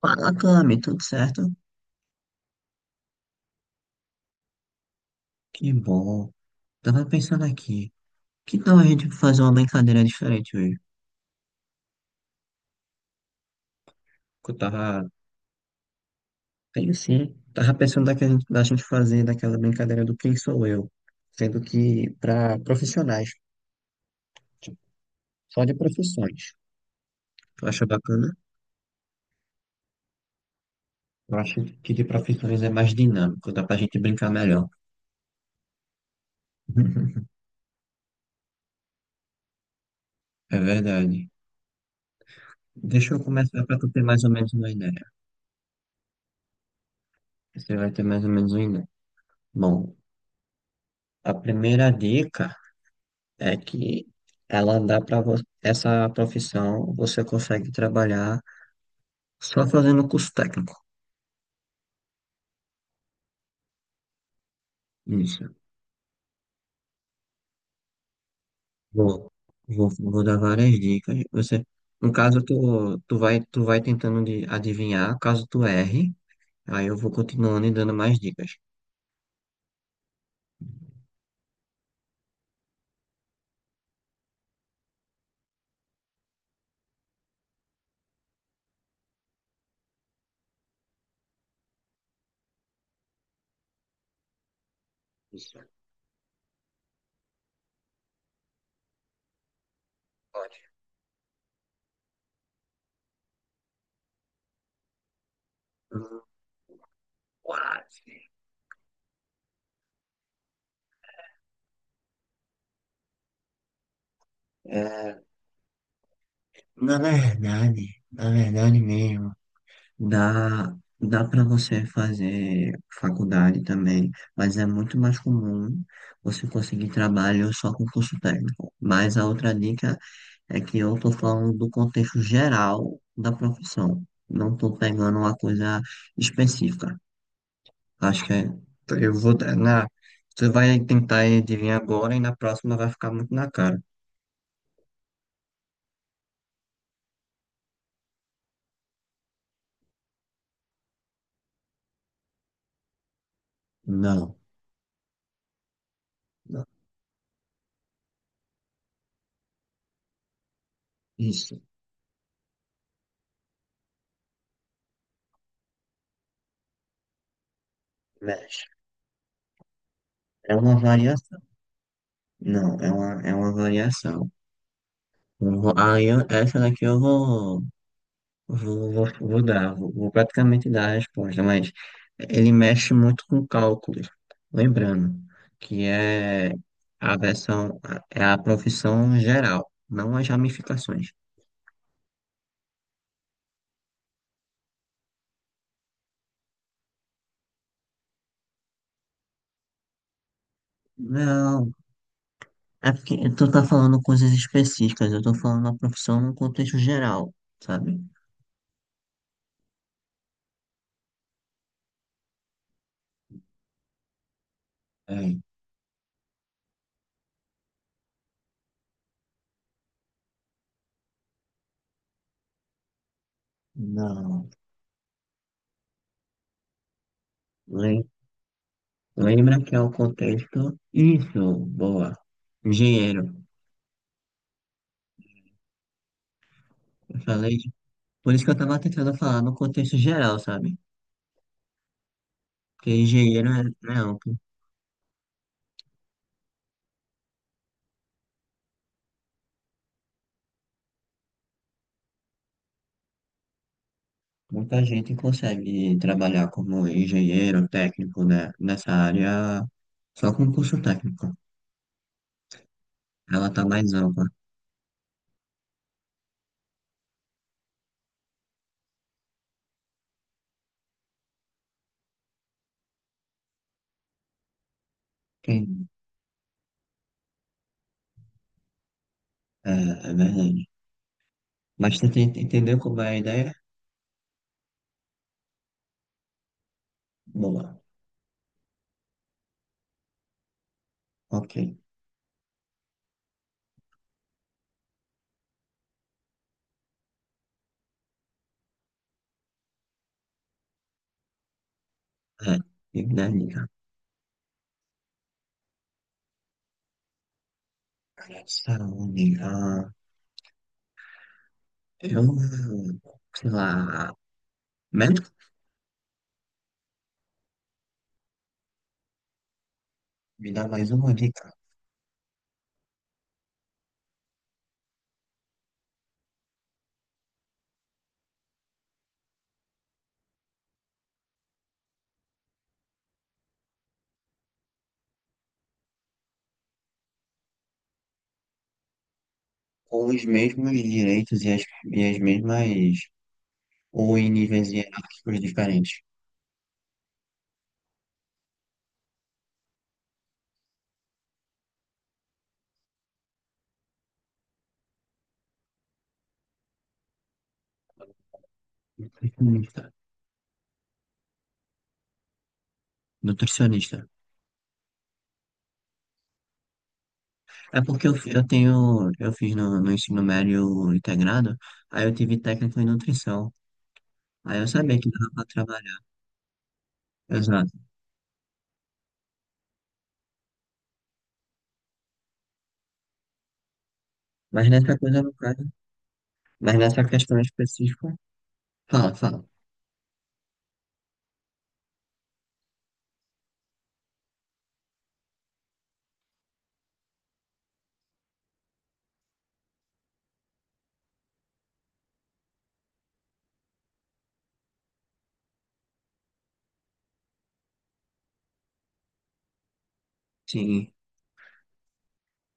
Fala, Cami, tudo certo? Que bom. Tava pensando aqui, que tal a gente fazer uma brincadeira diferente hoje? Que Eu tava, tenho sim, tava pensando da gente fazer daquela brincadeira do Quem Sou Eu, sendo que para profissionais, tipo, só de profissões. Tu acha bacana? Eu acho que de profissões é mais dinâmico, dá pra gente brincar melhor. É verdade. Deixa eu começar para tu ter mais ou menos uma ideia. Você vai ter mais ou menos uma ideia. Bom, a primeira dica. É que ela dá para Essa profissão, você consegue trabalhar só fazendo curso técnico. Isso. Vou, Vou dar várias dicas. Você, no caso, tu vai tentando de adivinhar, caso tu erre, aí eu vou continuando e dando mais dicas. Isso. Pode. Hum, Quase. É, na verdade mesmo. Dá para você fazer faculdade também, mas é muito mais comum você conseguir trabalho só com curso técnico. Mas a outra dica é que eu estou falando do contexto geral da profissão, não estou pegando uma coisa específica. Acho que é- eu vou. Na, Você vai tentar adivinhar agora e na próxima vai ficar muito na cara. Não, não. Isso, mexe. É uma variação. Não, é uma variação. Eu vou- Aí eu- Essa daqui eu vou, vou, vou, vou dar, vou, vou praticamente dar a resposta, mas ele mexe muito com cálculos. Lembrando que a versão, é a profissão geral, não as ramificações. Não, é porque tu tá falando coisas específicas, eu tô falando a profissão no contexto geral, sabe? É, não. Lem- Lembra que é o contexto. Isso, boa. Engenheiro. Eu falei Por isso que eu tava tentando falar no contexto geral, sabe? Porque é amplo. Muita gente consegue trabalhar como engenheiro técnico, né? Nessa área só com curso técnico. Ela tá mais ampla. Sim. É, é verdade. Mas entendeu como é a ideia? Boa. Ok. É. E daí, cara? Cara de saúde. Ah, eu, sei lá, médico? Me dá mais uma dica. Com os mesmos direitos e as mesmas ou em níveis hierárquicos diferentes? Nutricionista. Nutricionista. É porque eu, fi- eu tenho, eu fiz no ensino médio integrado, aí eu tive técnico em nutrição. Aí eu sabia que dava para trabalhar. Exato. Mas nessa coisa, no caso, mas nessa questão específica, fala, fala. Sim.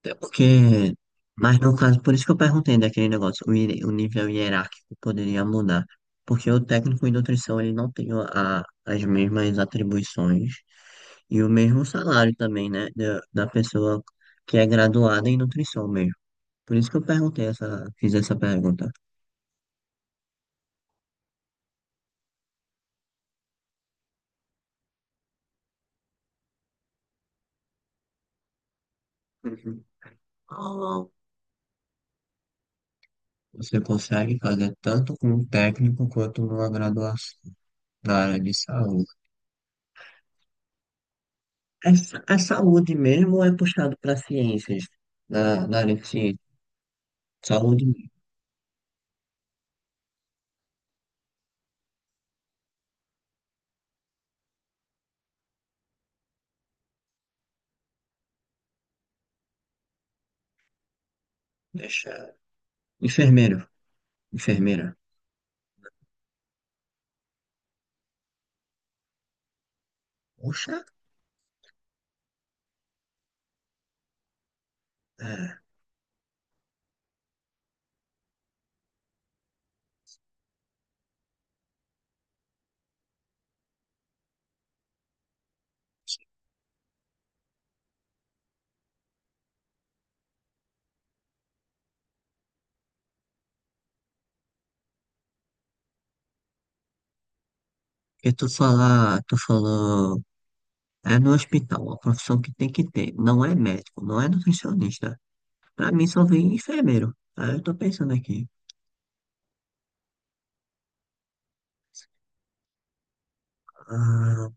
Até porque, mas no caso, por isso que eu perguntei daquele negócio, o nível hierárquico poderia mudar, porque o técnico em nutrição ele não tem as mesmas atribuições e o mesmo salário também, né, da pessoa que é graduada em nutrição mesmo. Por isso que eu perguntei fiz essa pergunta. Uhum. Qual Você consegue fazer tanto com um técnico quanto numa graduação da área de saúde. A saúde mesmo é puxado para ciências, na área de ciência. Saúde, deixa. Enfermeiro, enfermeira. Poxa, é. Porque tu falou, é no hospital, a profissão que tem que ter. Não é médico, não é nutricionista. Pra mim só vem enfermeiro. Aí eu tô pensando aqui. Ah,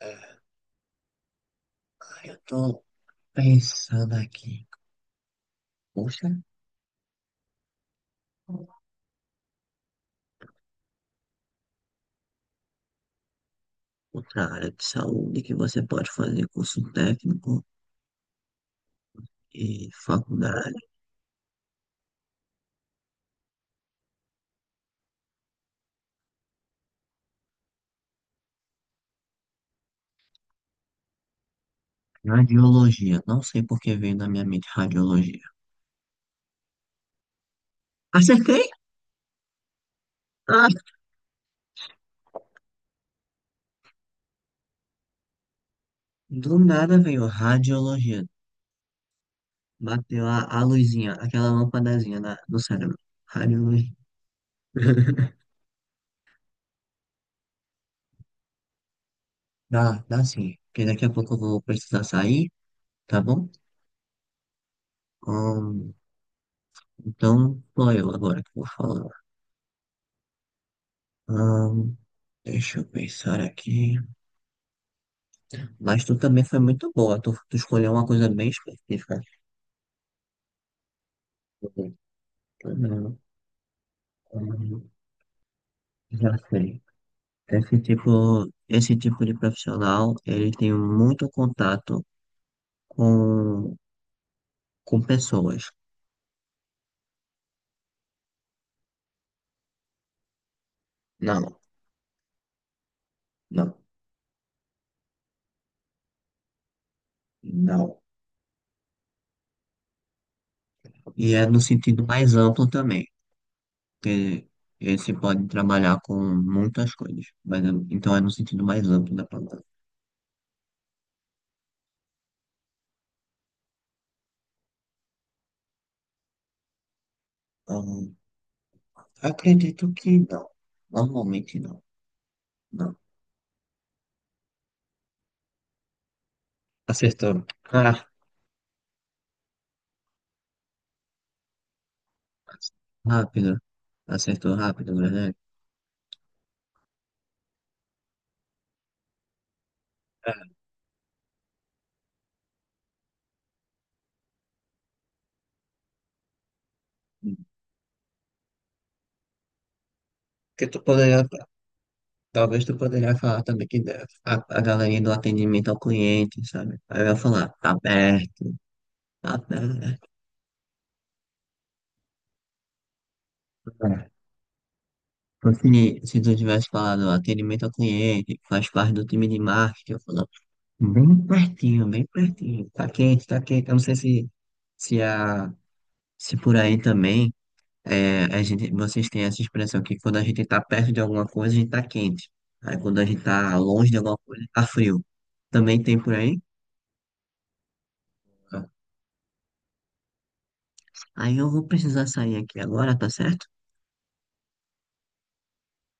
é. Ah, eu tô pensando aqui. Poxa, outra área de saúde que você pode fazer curso técnico e faculdade. Radiologia. Não sei por que veio na minha mente radiologia. Acertei? Ah, do nada veio radiologia. Bateu a luzinha, aquela lâmpadazinha no cérebro. Radiologia. Dá sim. Porque daqui a pouco eu vou precisar sair, tá bom? Ahn, então, sou eu agora que vou falar. Ahn, deixa eu pensar aqui. Mas tu também foi muito boa. Tu escolheu uma coisa bem específica. Ahn, ahn, Já sei. Esse tipo, Esse tipo de profissional, ele tem muito contato com, com pessoas. Não, não, não. E é no sentido mais amplo também, que esse pode trabalhar com muitas coisas, então é no sentido mais amplo da palavra. Hum, acredito que não. Normalmente não, não. Acertou. Ah, rápido. Acertou rápido, né? É. Porque tu poderia Talvez tu poderia falar também a galerinha do atendimento ao cliente, sabe? Aí vai falar, tá aberto, tá aberto. É. Então, se tu tivesse falado atendimento ao cliente, faz parte do time de marketing, eu falo, bem pertinho, tá quente, tá quente. Eu não sei se, a, se por aí também é, a gente, vocês têm essa expressão que quando a gente tá perto de alguma coisa, a gente tá quente. Aí quando a gente tá longe de alguma coisa, tá frio. Também tem por aí? Aí eu vou precisar sair aqui agora, tá certo?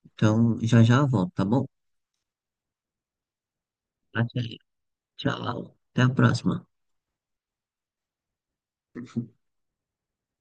Então já já eu volto, tá bom? Até aí. Tchau. Até a próxima.